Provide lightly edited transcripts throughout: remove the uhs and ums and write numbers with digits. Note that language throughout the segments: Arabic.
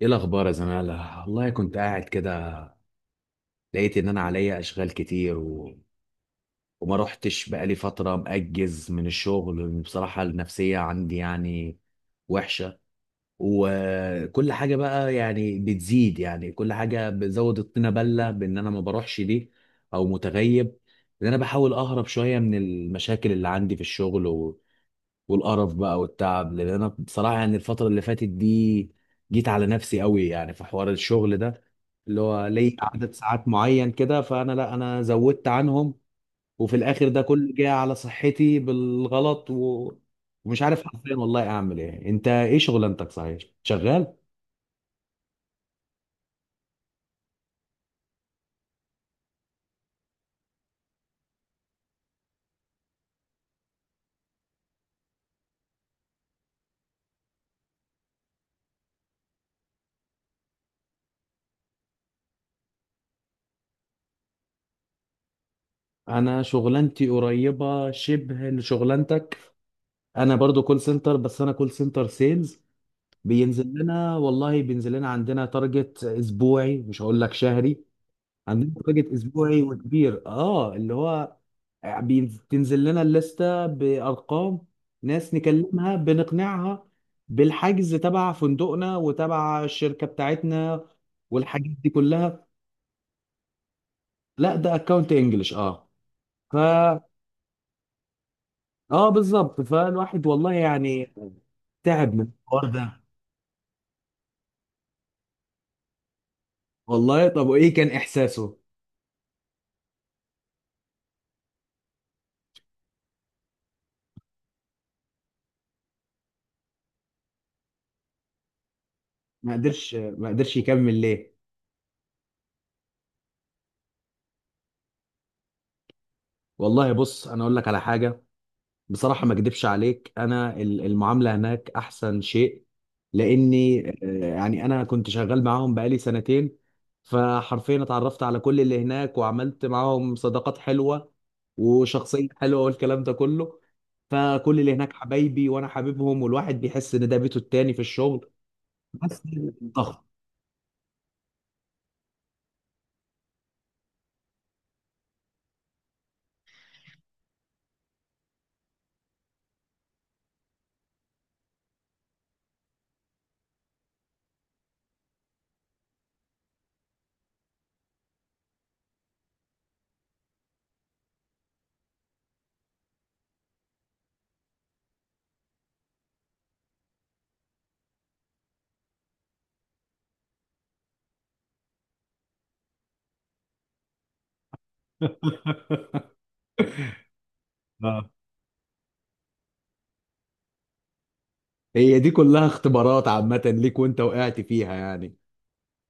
ايه الاخبار يا زماله؟ والله كنت قاعد كده، لقيت ان انا عليا اشغال كتير وما رحتش، بقالي فتره مأجز من الشغل. بصراحه النفسيه عندي يعني وحشه. وكل حاجه بقى يعني بتزيد، يعني كل حاجه بتزود الطينه بله بان انا ما بروحش دي او متغيب. ان انا بحاول اهرب شويه من المشاكل اللي عندي في الشغل والقرف بقى والتعب، لان انا بصراحه يعني الفتره اللي فاتت دي جيت على نفسي قوي يعني في حوار الشغل ده، اللي هو لي عدد ساعات معين كده فانا، لا، انا زودت عنهم. وفي الاخر ده كله جاي على صحتي بالغلط ومش عارف حرفيا والله اعمل ايه. انت ايه شغلانتك؟ صحيح شغال؟ انا شغلانتي قريبه شبه لشغلانتك. انا برضو كول سنتر بس انا كول سنتر سيلز. بينزل لنا والله بينزل لنا، عندنا تارجت اسبوعي مش هقول لك شهري. عندنا بادجت اسبوعي وكبير، اللي هو بتنزل لنا الليسته بارقام، ناس نكلمها بنقنعها بالحجز تبع فندقنا وتبع الشركه بتاعتنا والحاجات دي كلها. لا ده اكونت انجلش. اه فا اه بالظبط. فالواحد والله يعني تعب من الحوار ده. والله طب وايه كان احساسه؟ ما قدرش يكمل ليه؟ والله بص انا اقول لك على حاجه، بصراحة ما اكدبش عليك، انا المعاملة هناك احسن شيء. لاني يعني انا كنت شغال معاهم بقالي سنتين، فحرفيا اتعرفت على كل اللي هناك وعملت معاهم صداقات حلوة وشخصية حلوة والكلام ده كله. فكل اللي هناك حبايبي وانا حبيبهم، والواحد بيحس ان ده بيته التاني في الشغل. بس ضغط. آه. هي دي كلها اختبارات عامة ليك وانت وقعت فيها يعني.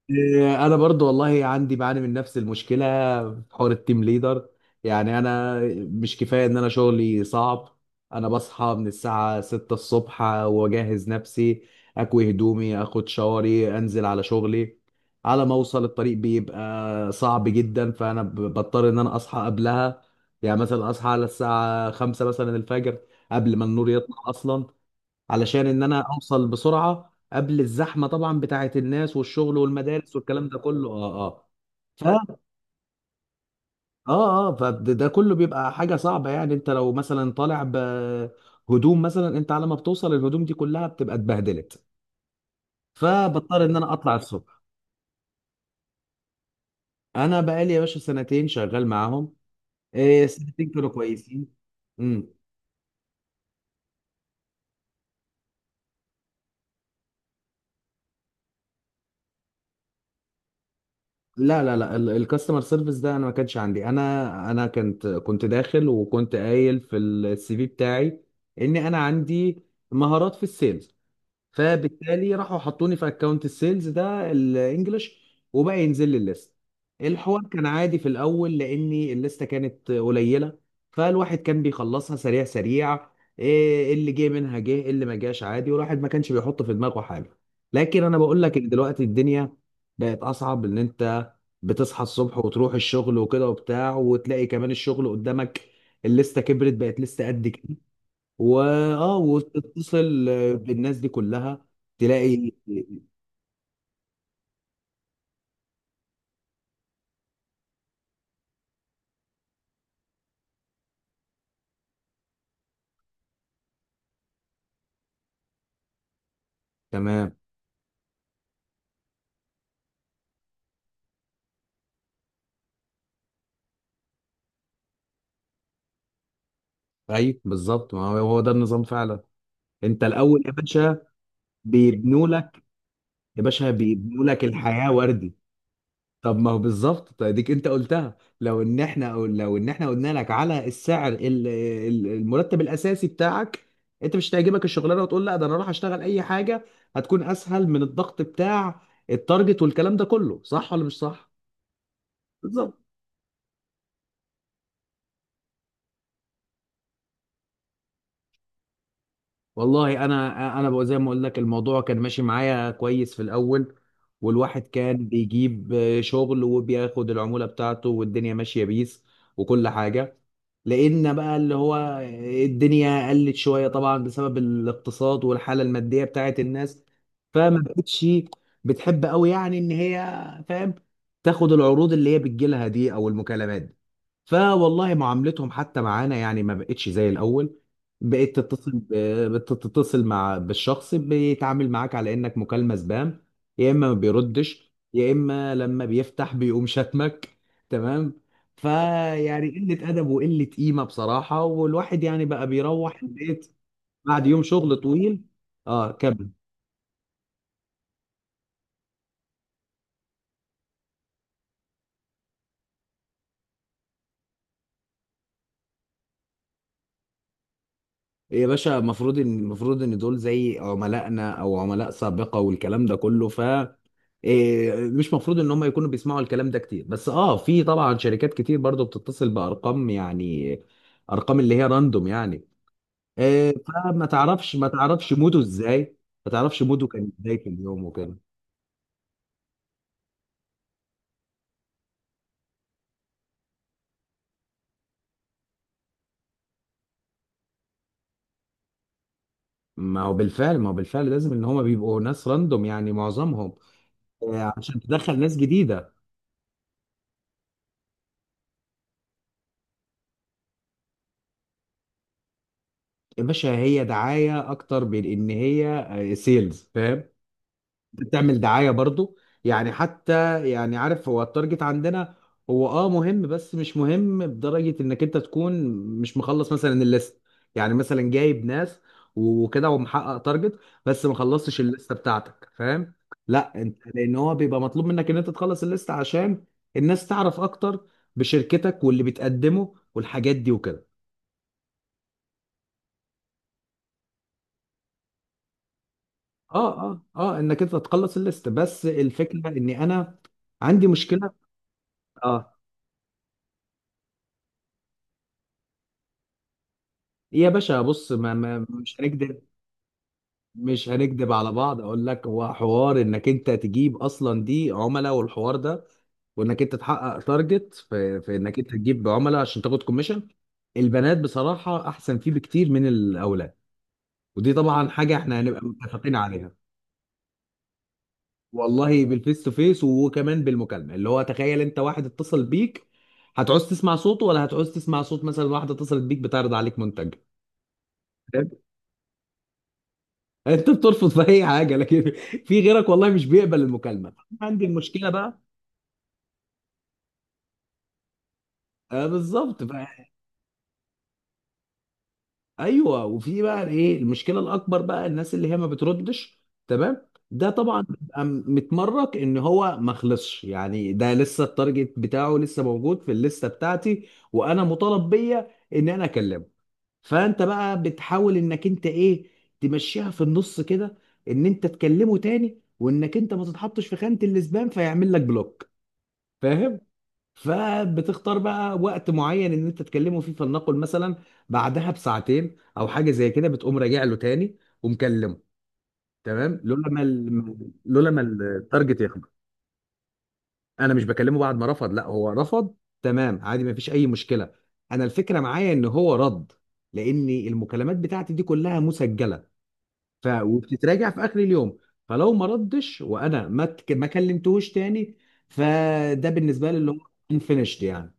إيه، انا برضو والله عندي بعاني من نفس المشكله في حوار التيم ليدر. يعني انا مش كفايه ان انا شغلي صعب، انا بصحى من الساعه 6 الصبح واجهز نفسي، اكوي هدومي، اخد شاوري، انزل على شغلي. على ما اوصل الطريق بيبقى صعب جدا، فانا بضطر ان انا اصحى قبلها. يعني مثلا اصحى على الساعه 5 مثلا الفجر، قبل ما النور يطلع اصلا، علشان ان انا اوصل بسرعه قبل الزحمه طبعا بتاعه الناس والشغل والمدارس والكلام ده كله. اه اه ف اه اه فده كله بيبقى حاجه صعبه. يعني انت لو مثلا طالع بهدوم مثلا، انت على ما بتوصل الهدوم دي كلها بتبقى اتبهدلت، فبضطر ان انا اطلع الصبح. انا بقالي يا باشا سنتين شغال معاهم. إيه سنتين كانوا كويسين. إمم. لا لا لا، الكاستمر سيرفيس ده انا ما كانش عندي. انا كنت داخل وكنت قايل في السي في بتاعي ان انا عندي مهارات في السيلز، فبالتالي راحوا حطوني في اكونت السيلز ده الانجليش. وبقى ينزل لي الليست. الحوار كان عادي في الاول لاني الليسته كانت قليله، فالواحد كان بيخلصها سريع سريع. إيه اللي جه منها جه، إيه اللي ما جاش عادي، والواحد ما كانش بيحط في دماغه حاجه. لكن انا بقول لك ان دلوقتي الدنيا بقت اصعب، ان انت بتصحى الصبح وتروح الشغل وكده وبتاع وتلاقي كمان الشغل قدامك، الليسته كبرت بقت لسه قد كده، وتتصل بالناس دي كلها، تلاقي. تمام. اي بالظبط، ما هو هو ده النظام فعلا. انت الاول يا باشا بيبنوا لك، يا باشا بيبنوا لك الحياه وردي. طب ما هو بالظبط، طيب ديك انت قلتها، لو ان احنا أو لو ان احنا قلنا لك على السعر المرتب الاساسي بتاعك، انت مش هتعجبك الشغلانه وتقول لا ده انا اروح اشتغل اي حاجه هتكون اسهل من الضغط بتاع التارجت والكلام ده كله، صح ولا مش صح؟ بالظبط. والله انا بقى زي ما اقول لك، الموضوع كان ماشي معايا كويس في الاول، والواحد كان بيجيب شغل وبياخد العمولة بتاعته والدنيا ماشية بيس وكل حاجة. لقينا بقى اللي هو الدنيا قلت شوية طبعا بسبب الاقتصاد والحالة المادية بتاعت الناس، فما بقتش بتحب قوي يعني ان هي، فاهم، تاخد العروض اللي هي بتجيلها دي او المكالمات دي. فوالله معاملتهم حتى معانا يعني ما بقتش زي الاول، بقيت تتصل بتتصل بالشخص، بيتعامل معاك على انك مكالمة سبام، يا اما ما بيردش يا اما لما بيفتح بيقوم شتمك. تمام. فيعني قلة ادب وقلة قيمة بصراحة، والواحد يعني بقى بيروح البيت بعد يوم شغل طويل. اه، كمل. إيه يا باشا، المفروض ان دول زي عملائنا او عملاء سابقه والكلام ده كله. إيه، مش مفروض ان هم يكونوا بيسمعوا الكلام ده كتير، بس في طبعا شركات كتير برضو بتتصل بارقام، يعني ارقام اللي هي راندوم يعني. إيه، فما تعرفش موده ازاي، ما تعرفش موده كان ازاي في اليوم وكده. ما هو بالفعل لازم ان هم بيبقوا ناس راندوم يعني معظمهم. عشان تدخل ناس جديده. يا باشا هي دعايه اكتر من ان هي سيلز، فاهم، بتعمل دعاية برضو. يعني حتى يعني عارف، هو التارجت عندنا هو مهم بس مش مهم بدرجة انك انت تكون مش مخلص مثلا الليست. يعني مثلا جايب ناس وكده ومحقق تارجت، بس ما خلصتش الليستة بتاعتك، فاهم؟ لا انت، لان هو بيبقى مطلوب منك ان انت تخلص الليستة عشان الناس تعرف اكتر بشركتك واللي بتقدمه والحاجات دي وكده. اه اه اه، انك انت تخلص الليستة، بس الفكرة اني انا عندي مشكلة. اه يا باشا بص، ما مش هنكدب على بعض، اقول لك هو حوار انك انت تجيب اصلا دي عملاء والحوار ده، وانك انت تحقق تارجت في انك انت تجيب عملاء عشان تاخد كوميشن. البنات بصراحة احسن فيه بكتير من الاولاد، ودي طبعا حاجة احنا هنبقى متفقين عليها. والله بالفيس تو فيس وكمان بالمكالمة، اللي هو تخيل انت واحد اتصل بيك، هتعوز تسمع صوته ولا هتعوز تسمع صوت مثلا واحدة اتصلت بيك بتعرض عليك منتج؟ انت بترفض في اي حاجه، لكن في غيرك والله مش بيقبل المكالمه. عندي المشكله بقى. آه بالظبط بقى. ايوه، وفي بقى ايه المشكله الاكبر بقى، الناس اللي هي ما بتردش. تمام. ده طبعا بيبقى متمرك ان هو ما خلصش، يعني ده لسه التارجت بتاعه لسه موجود في الليسته بتاعتي وانا مطالب بيا ان انا اكلمه، فانت بقى بتحاول انك انت ايه، تمشيها في النص كده، ان انت تكلمه تاني وانك انت ما تتحطش في خانه الاسبام فيعمل لك بلوك، فاهم؟ فبتختار بقى وقت معين ان انت تكلمه فيه، فلنقل مثلا بعدها بساعتين او حاجه زي كده بتقوم راجع له تاني ومكلمه. تمام لولا ما لولا ما التارجت يخبط. انا مش بكلمه بعد ما رفض، لا هو رفض تمام عادي ما فيش اي مشكله، انا الفكره معايا ان هو رد، لان المكالمات بتاعتي دي كلها مسجله وبتتراجع في اخر اليوم. فلو ما ردش وانا ما كلمتهوش تاني، فده بالنسبه لي اللي هو انفينيشد يعني.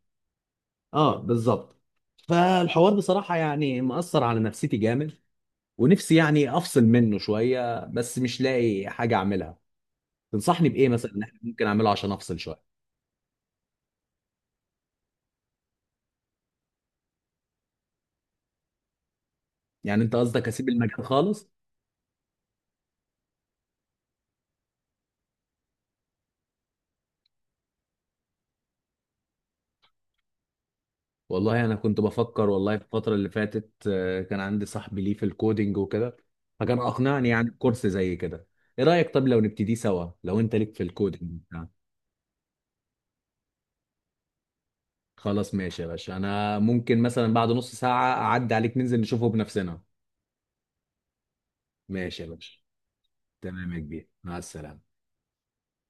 اه بالظبط. فالحوار بصراحة يعني مأثر على نفسيتي جامد، ونفسي يعني أفصل منه شوية بس مش لاقي حاجة أعملها. تنصحني بإيه مثلا إن إحنا ممكن أعمله عشان أفصل شوية؟ يعني أنت قصدك أسيب المجال خالص؟ والله أنا كنت بفكر والله في الفترة اللي فاتت، كان عندي صاحبي ليه في الكودينج وكده، فكان أقنعني يعني بكورس زي كده. إيه رأيك طب لو نبتدي سوا لو أنت ليك في الكودينج بتاع؟ خلاص ماشي يا باشا، أنا ممكن مثلا بعد نص ساعة أعدي عليك ننزل نشوفه بنفسنا. ماشي يا باشا. تمام يا كبير، مع السلامة.